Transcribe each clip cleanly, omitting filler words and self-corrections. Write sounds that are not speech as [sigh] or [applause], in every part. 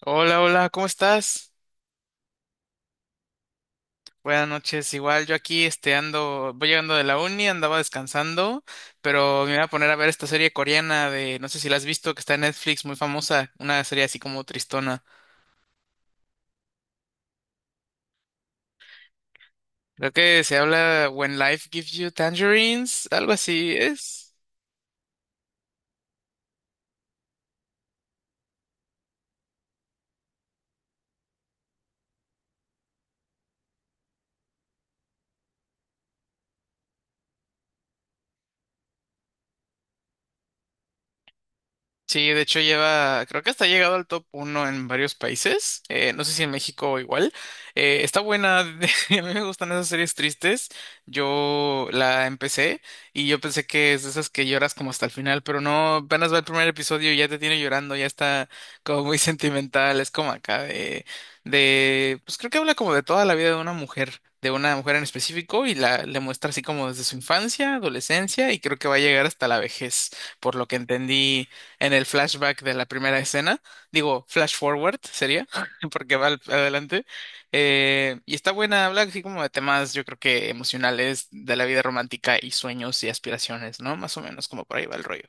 Hola, hola, ¿cómo estás? Buenas noches, igual yo aquí ando, voy llegando de la uni, andaba descansando, pero me voy a poner a ver esta serie coreana de, no sé si la has visto, que está en Netflix, muy famosa, una serie así como tristona. Creo que se habla When Life Gives You Tangerines, algo así es. Sí, de hecho lleva, creo que hasta ha llegado al top uno en varios países, no sé si en México igual. Está buena, [laughs] a mí me gustan esas series tristes, yo la empecé y yo pensé que es de esas que lloras como hasta el final, pero no, apenas va el primer episodio y ya te tiene llorando, ya está como muy [laughs] sentimental, es como acá de, pues creo que habla como de toda la vida de una mujer en específico y la le muestra así como desde su infancia, adolescencia y creo que va a llegar hasta la vejez, por lo que entendí en el flashback de la primera escena, digo, flash forward sería, [laughs] porque va adelante, y está buena, habla así como de temas, yo creo que emocionales, de la vida romántica y sueños y aspiraciones, ¿no? Más o menos como por ahí va el rollo.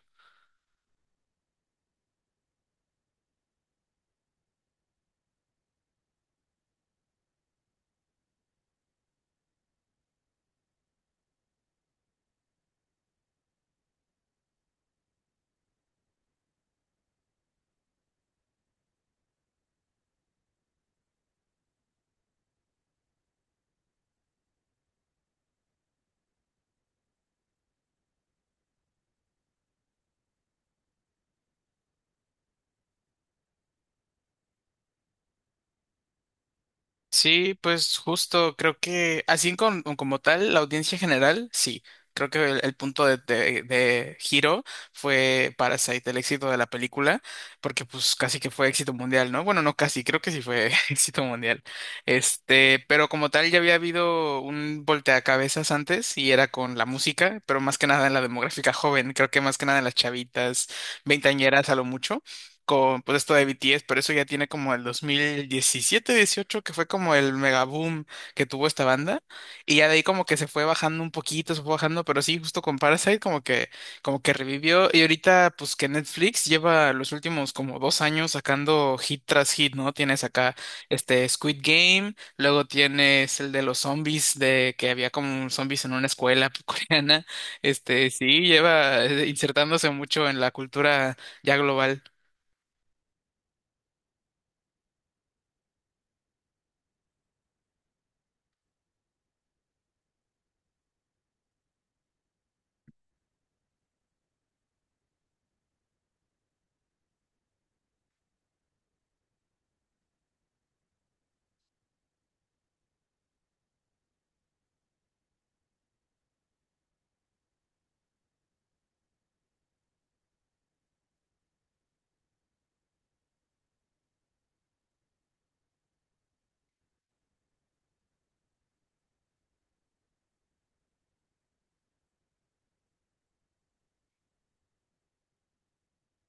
Sí, pues justo creo que así como tal, la audiencia general, sí. Creo que el punto de giro fue Parasite, el éxito de la película, porque pues casi que fue éxito mundial, ¿no? Bueno, no casi, creo que sí fue [laughs] éxito mundial. Pero como tal ya había habido un volteacabezas antes y era con la música, pero más que nada en la demográfica joven, creo que más que nada en las chavitas, veinteañeras a lo mucho con pues esto de BTS, pero eso ya tiene como el 2017-2018 que fue como el mega boom que tuvo esta banda, y ya de ahí como que se fue bajando un poquito, se fue bajando, pero sí, justo con Parasite como que revivió, y ahorita pues que Netflix lleva los últimos como 2 años sacando hit tras hit, ¿no? Tienes acá Squid Game, luego tienes el de los zombies, de que había como zombies en una escuela [laughs] coreana, sí, lleva insertándose mucho en la cultura ya global.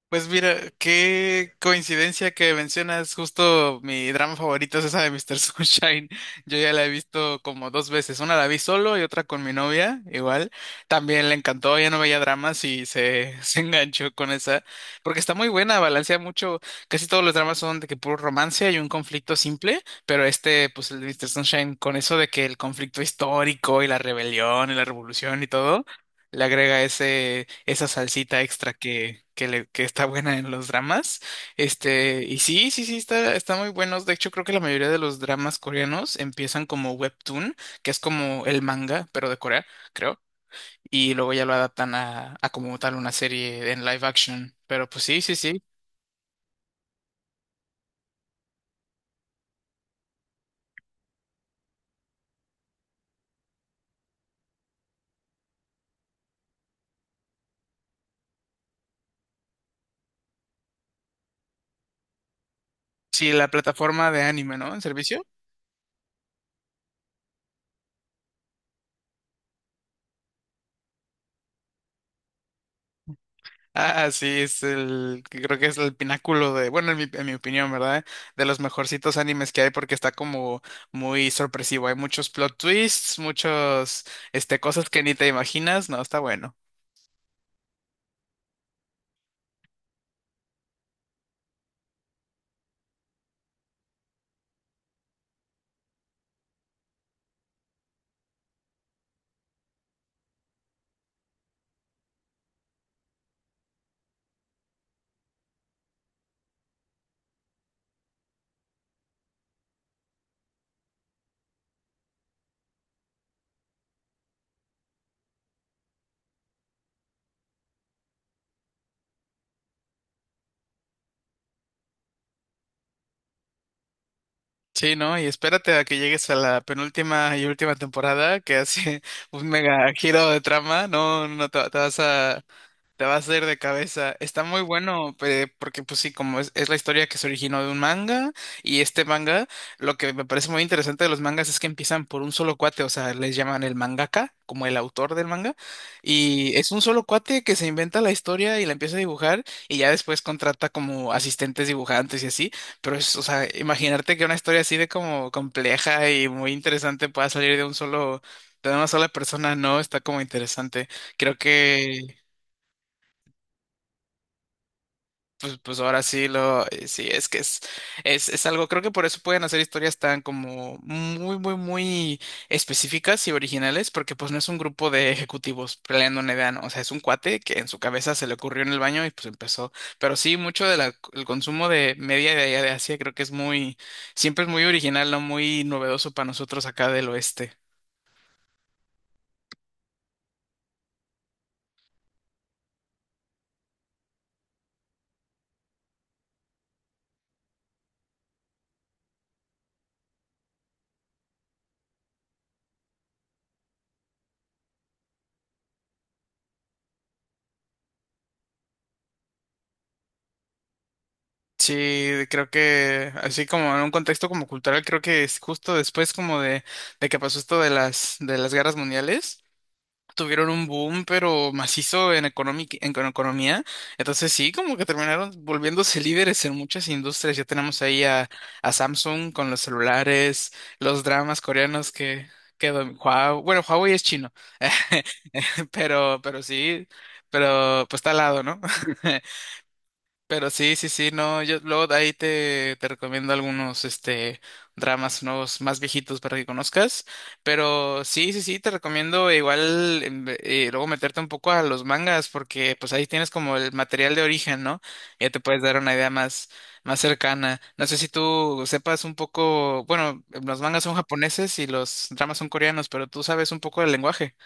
Pues mira, qué coincidencia que mencionas justo mi drama favorito es esa de Mr. [laughs] Sunshine. Yo ya la he visto como dos veces. Una la vi solo y otra con mi novia, igual. También le encantó, ya no veía dramas y [laughs] se enganchó con esa. Porque está muy buena, balancea mucho. Casi todos los dramas son de que puro romance y un conflicto simple. Pero pues el de Mr. Sunshine, con eso de que el conflicto histórico y la rebelión y la revolución y todo le agrega ese, esa salsita extra que está buena en los dramas. Y sí, sí, sí, está muy buenos. De hecho, creo que la mayoría de los dramas coreanos empiezan como webtoon, que es como el manga, pero de Corea, creo. Y luego ya lo adaptan a como tal una serie en live action. Pero pues sí, sí, sí. Sí, la plataforma de anime, ¿no? En servicio. Ah, sí, es creo que es el pináculo de, bueno, en mi opinión, ¿verdad? De los mejorcitos animes que hay porque está como muy sorpresivo. Hay muchos plot twists, muchos, cosas que ni te imaginas. No, está bueno. Sí, ¿no? Y espérate a que llegues a la penúltima y última temporada que hace [laughs] un mega giro de trama. No, te vas a ir de cabeza. Está muy bueno, porque pues sí, como es la historia que se originó de un manga, y este manga, lo que me parece muy interesante de los mangas es que empiezan por un solo cuate, o sea, les llaman el mangaka, como el autor del manga, y es un solo cuate que se inventa la historia y la empieza a dibujar, y ya después contrata como asistentes dibujantes y así, pero es, o sea, imaginarte que una historia así de como compleja y muy interesante pueda salir de una sola persona, no, está como interesante. Creo que Pues ahora sí sí, es que es algo, creo que por eso pueden hacer historias tan como muy, muy, muy específicas y originales, porque pues no es un grupo de ejecutivos peleando una idea, ¿no? O sea, es un cuate que en su cabeza se le ocurrió en el baño y pues empezó. Pero sí, mucho del consumo de media de allá de Asia creo que siempre es muy original, ¿no? Muy novedoso para nosotros acá del oeste. Sí, creo que así como en un contexto como cultural, creo que es justo después como de, que pasó esto de las guerras mundiales, tuvieron un boom, pero macizo en economía. Entonces sí, como que terminaron volviéndose [laughs] líderes en muchas industrias. Ya tenemos ahí a Samsung con los celulares, los dramas coreanos Huawei, bueno, Huawei es chino, [laughs] pero sí, pero pues está al lado, ¿no? [laughs] Pero sí, sí, sí, no, yo luego de ahí te recomiendo algunos dramas nuevos más viejitos para que conozcas. Pero sí, sí, sí, te recomiendo igual luego meterte un poco a los mangas, porque pues ahí tienes como el material de origen, ¿no? Ya te puedes dar una idea más, cercana. No sé si tú sepas un poco, bueno, los mangas son japoneses y los dramas son coreanos, pero tú sabes un poco del lenguaje.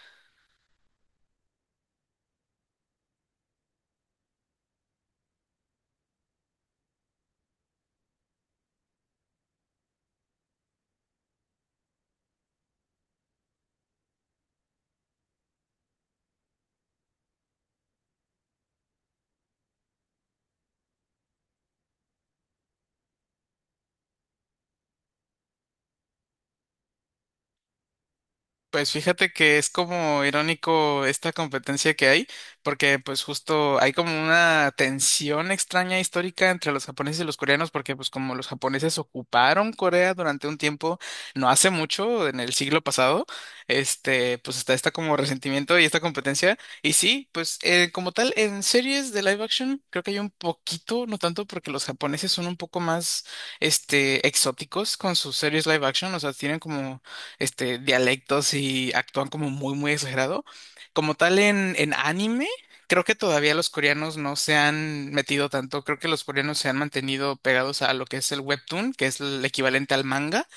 Pues fíjate que es como irónico esta competencia que hay, porque pues justo hay como una tensión extraña histórica entre los japoneses y los coreanos, porque pues como los japoneses ocuparon Corea durante un tiempo, no hace mucho, en el siglo pasado, pues está esta como resentimiento y esta competencia. Y sí, pues como tal, en series de live action creo que hay un poquito, no tanto porque los japoneses son un poco más, exóticos con sus series live action, o sea, tienen como dialectos y actúan como muy, muy exagerado. Como tal en anime, creo que todavía los coreanos no se han metido tanto. Creo que los coreanos se han mantenido pegados a lo que es el webtoon, que es el equivalente al manga,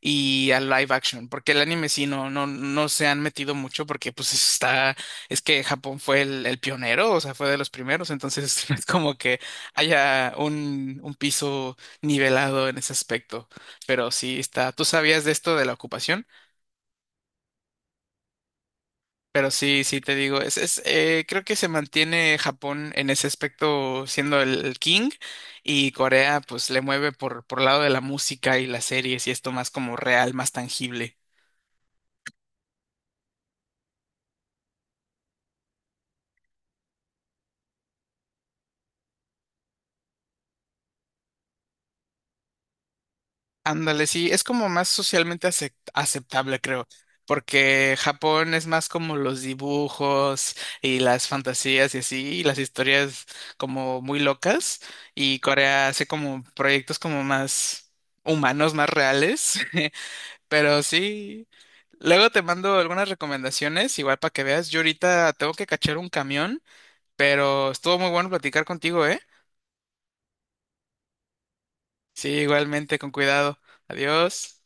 y al live action, porque el anime sí no, no, no se han metido mucho porque pues es que Japón fue el pionero, o sea, fue de los primeros, entonces [laughs] no es como que haya un piso nivelado en ese aspecto. Pero sí está, ¿tú sabías de esto de la ocupación? Pero sí sí te digo, creo que se mantiene Japón en ese aspecto siendo el king y Corea pues le mueve por, lado de la música y las series y esto más como real, más tangible. Ándale, sí, es como más socialmente aceptable, creo, porque Japón es más como los dibujos y las fantasías y así, y las historias como muy locas, y Corea hace como proyectos como más humanos, más reales, [laughs] pero sí. Luego te mando algunas recomendaciones, igual para que veas. Yo ahorita tengo que cachar un camión, pero estuvo muy bueno platicar contigo, ¿eh? Sí, igualmente, con cuidado. Adiós.